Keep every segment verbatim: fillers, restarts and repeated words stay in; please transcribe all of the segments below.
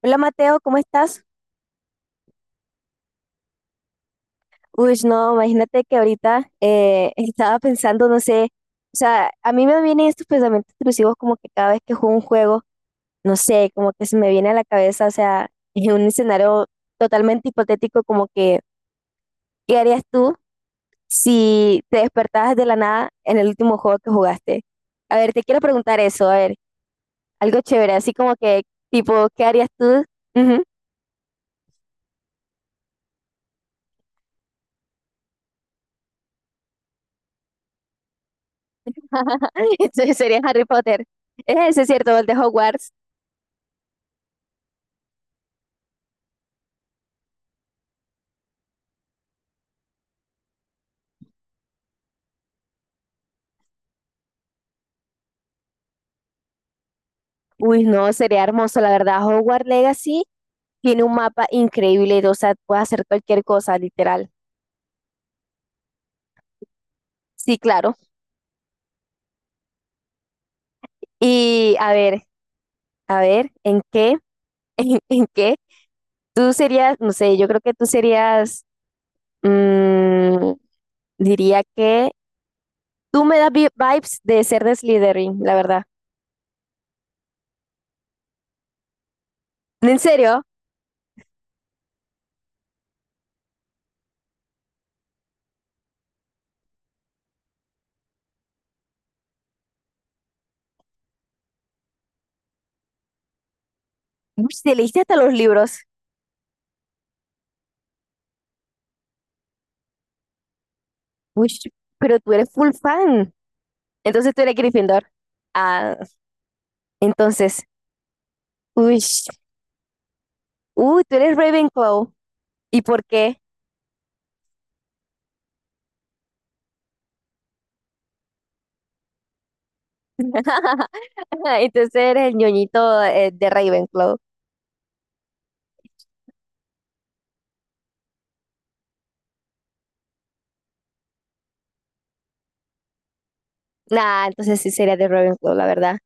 Hola Mateo, ¿cómo estás? Uy, no, imagínate que ahorita eh, estaba pensando, no sé, o sea, a mí me vienen estos pensamientos intrusivos como que cada vez que juego un juego, no sé, como que se me viene a la cabeza, o sea, en un escenario totalmente hipotético, como que, ¿qué harías tú si te despertabas de la nada en el último juego que jugaste? A ver, te quiero preguntar eso, a ver, algo chévere, así como que, tipo, ¿qué harías tú? Ujú. Entonces sería Harry Potter. Es ese, ¿cierto? El de Hogwarts. Uy, no, sería hermoso, la verdad. Hogwarts Legacy tiene un mapa increíble, o sea, puedes hacer cualquier cosa, literal. Sí, claro. Y a ver, a ver, ¿en qué? ¿En, en qué? Tú serías, no sé, yo creo que tú serías, mm, diría que tú me das vi- vibes de ser de Slytherin, la verdad. ¿En serio? Uy, te leíste hasta los libros. Uy, pero tú eres full fan. Entonces tú eres Gryffindor. Ah, entonces, uy, uy, tú eres Ravenclaw. ¿Y por qué? Entonces eres el ñoñito eh, de Ravenclaw. Nah, entonces sí sería de Ravenclaw, la verdad.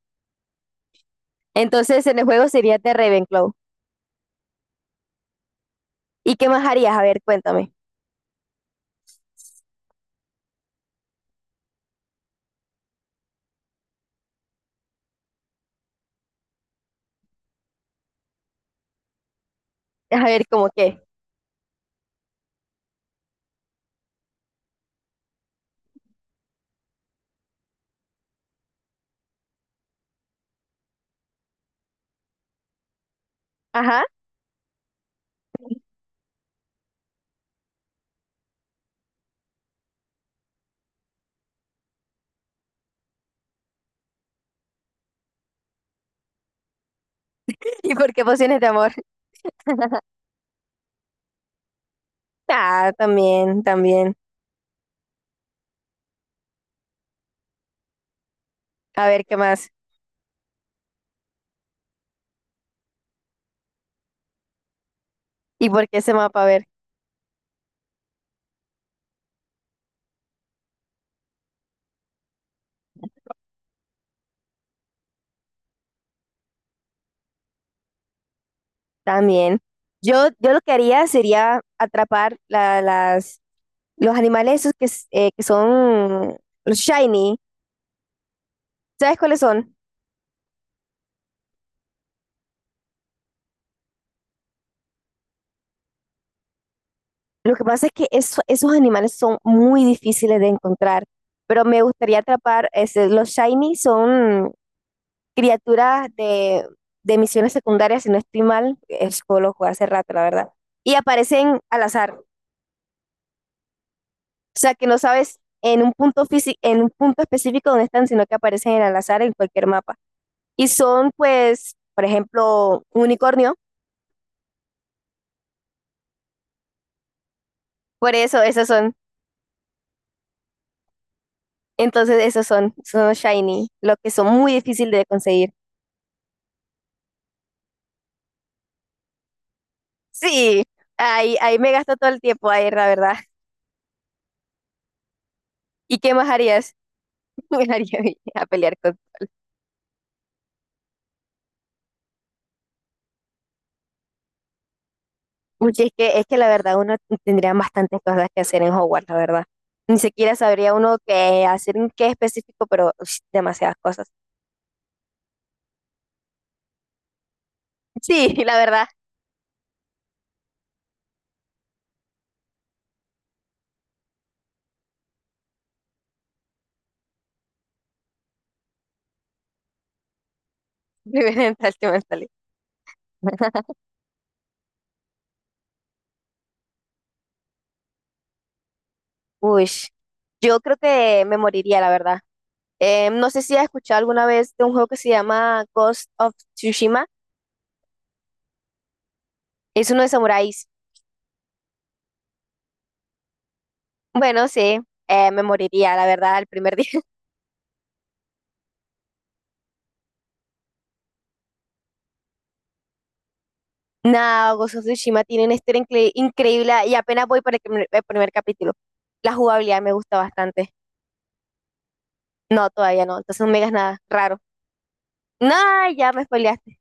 Entonces en el juego sería de Ravenclaw. ¿Y qué más harías? A ver, cuéntame. A ver, ¿cómo qué? Ajá. ¿Y por qué pociones de amor? Ah, también, también. A ver, ¿qué más? ¿Y por qué ese mapa? A ver, también. Yo, yo lo que haría sería atrapar la- las, los animales esos que, s- eh, que son los shiny. ¿Sabes cuáles son? Lo que pasa es que eso- esos animales son muy difíciles de encontrar, pero me gustaría atrapar, ese- los shiny son criaturas de, de misiones secundarias, si no estoy mal, es que lo jugué hace rato, la verdad, y aparecen al azar, o sea que no sabes en un punto físico, en un punto específico dónde están, sino que aparecen en al azar en cualquier mapa. Y son, pues, por ejemplo, un unicornio, por eso esos son, entonces esos son, son los shiny, los que son muy difíciles de conseguir. Sí, ahí, ahí me gasto todo el tiempo ahí, la verdad. ¿Y qué más harías? Me haría ir a pelear con... Uy, es que, es que la verdad uno tendría bastantes cosas que hacer en Hogwarts, la verdad. Ni siquiera sabría uno qué hacer, en qué específico, pero uy, demasiadas cosas. Sí, la verdad, primera mental, mental. Uy, yo creo que me moriría, la verdad. Eh, no sé si has escuchado alguna vez de un juego que se llama Ghost of Tsushima. Es uno de samuráis. Bueno, sí, eh, me moriría, la verdad, el primer día. Nada, Ghost of Tsushima tiene una historia incre- increíble y apenas voy por el, primer el primer capítulo. La jugabilidad me gusta bastante. No, todavía no. Entonces no me digas nada raro. No, ya me spoileaste.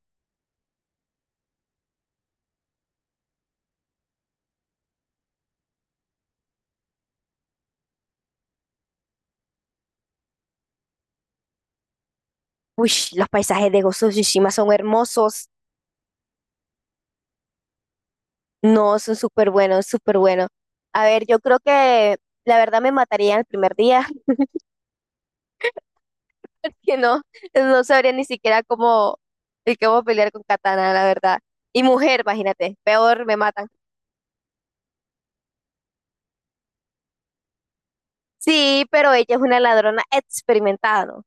Uy, los paisajes de Ghost of Tsushima son hermosos. No, son súper buenos, súper buenos. A ver, yo creo que la verdad me mataría el primer día, que no, no sabría ni siquiera cómo, el cómo pelear con Katana, la verdad. Y mujer, imagínate, peor me matan. Sí, pero ella es una ladrona experimentada, ¿no?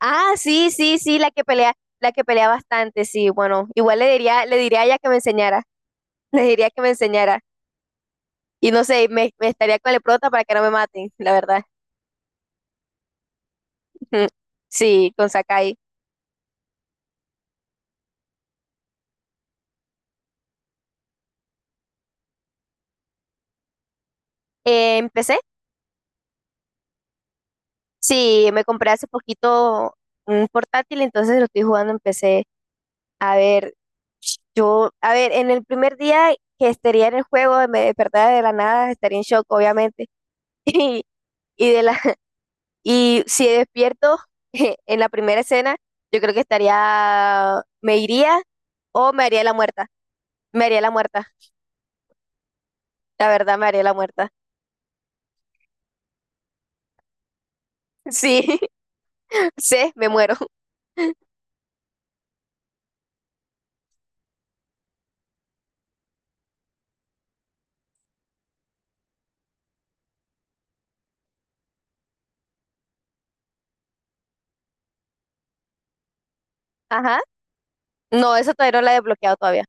Ah, sí, sí, sí, la que pelea, la que pelea bastante, sí, bueno, igual le diría, le diría a ella que me enseñara, le diría que me enseñara. Y no sé, me, me estaría con el prota para que no me maten, la verdad. Sí, con Sakai. Eh, en P C, sí, me compré hace poquito un portátil, entonces lo estoy jugando en P C. A ver, yo, a ver, en el primer día que estaría en el juego, me despertaba de la nada, estaría en shock, obviamente. Y, y de la Y si despierto en la primera escena, yo creo que estaría, me iría o me haría la muerta. Me haría la muerta. La verdad, me haría la muerta. Sí, sí, me muero. Ajá. No, eso todavía no la he desbloqueado todavía.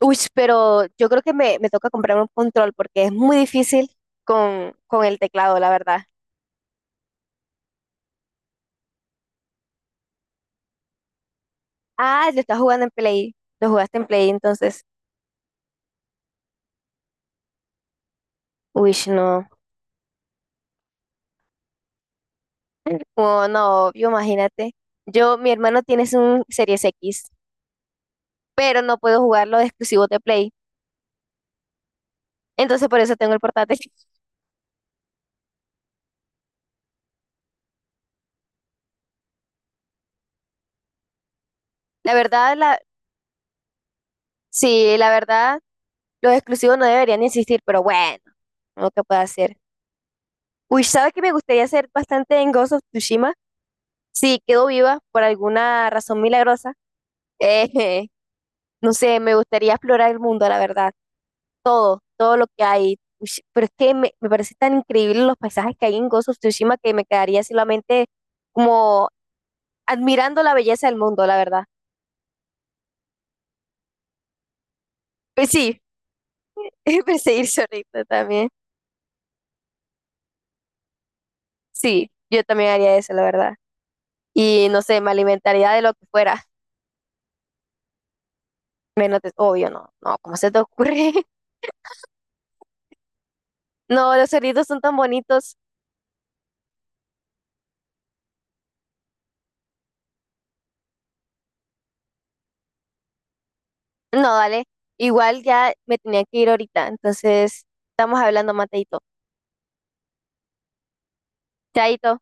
Uy, pero yo creo que me, me toca comprar un control porque es muy difícil con, con el teclado, la verdad. Ah, lo estás jugando en Play. Lo jugaste en Play, entonces. Uy, no. Oh, no, yo imagínate. Yo, mi hermano tiene un Series X pero no puedo jugar los exclusivos de Play. Entonces por eso tengo el portátil. La verdad, la, sí, la verdad, los exclusivos no deberían existir, pero bueno, no que puedo hacer. Uy, ¿sabes que me gustaría hacer bastante en Ghost of Tsushima? Si quedo viva por alguna razón milagrosa, eh, no sé, me gustaría explorar el mundo, la verdad, todo, todo lo que hay. Uy, pero es que me, me parece tan increíble los paisajes que hay en Ghost of Tsushima que me quedaría solamente como admirando la belleza del mundo, la verdad. Pues sí, Perseguir solito también. Sí, yo también haría eso, la verdad. Y no sé, me alimentaría de lo que fuera. Menos de, obvio, no, no, ¿cómo se te ocurre? No, los cerditos son tan bonitos. No, dale. Igual ya me tenía que ir ahorita, entonces estamos hablando, Mateito. Chaito.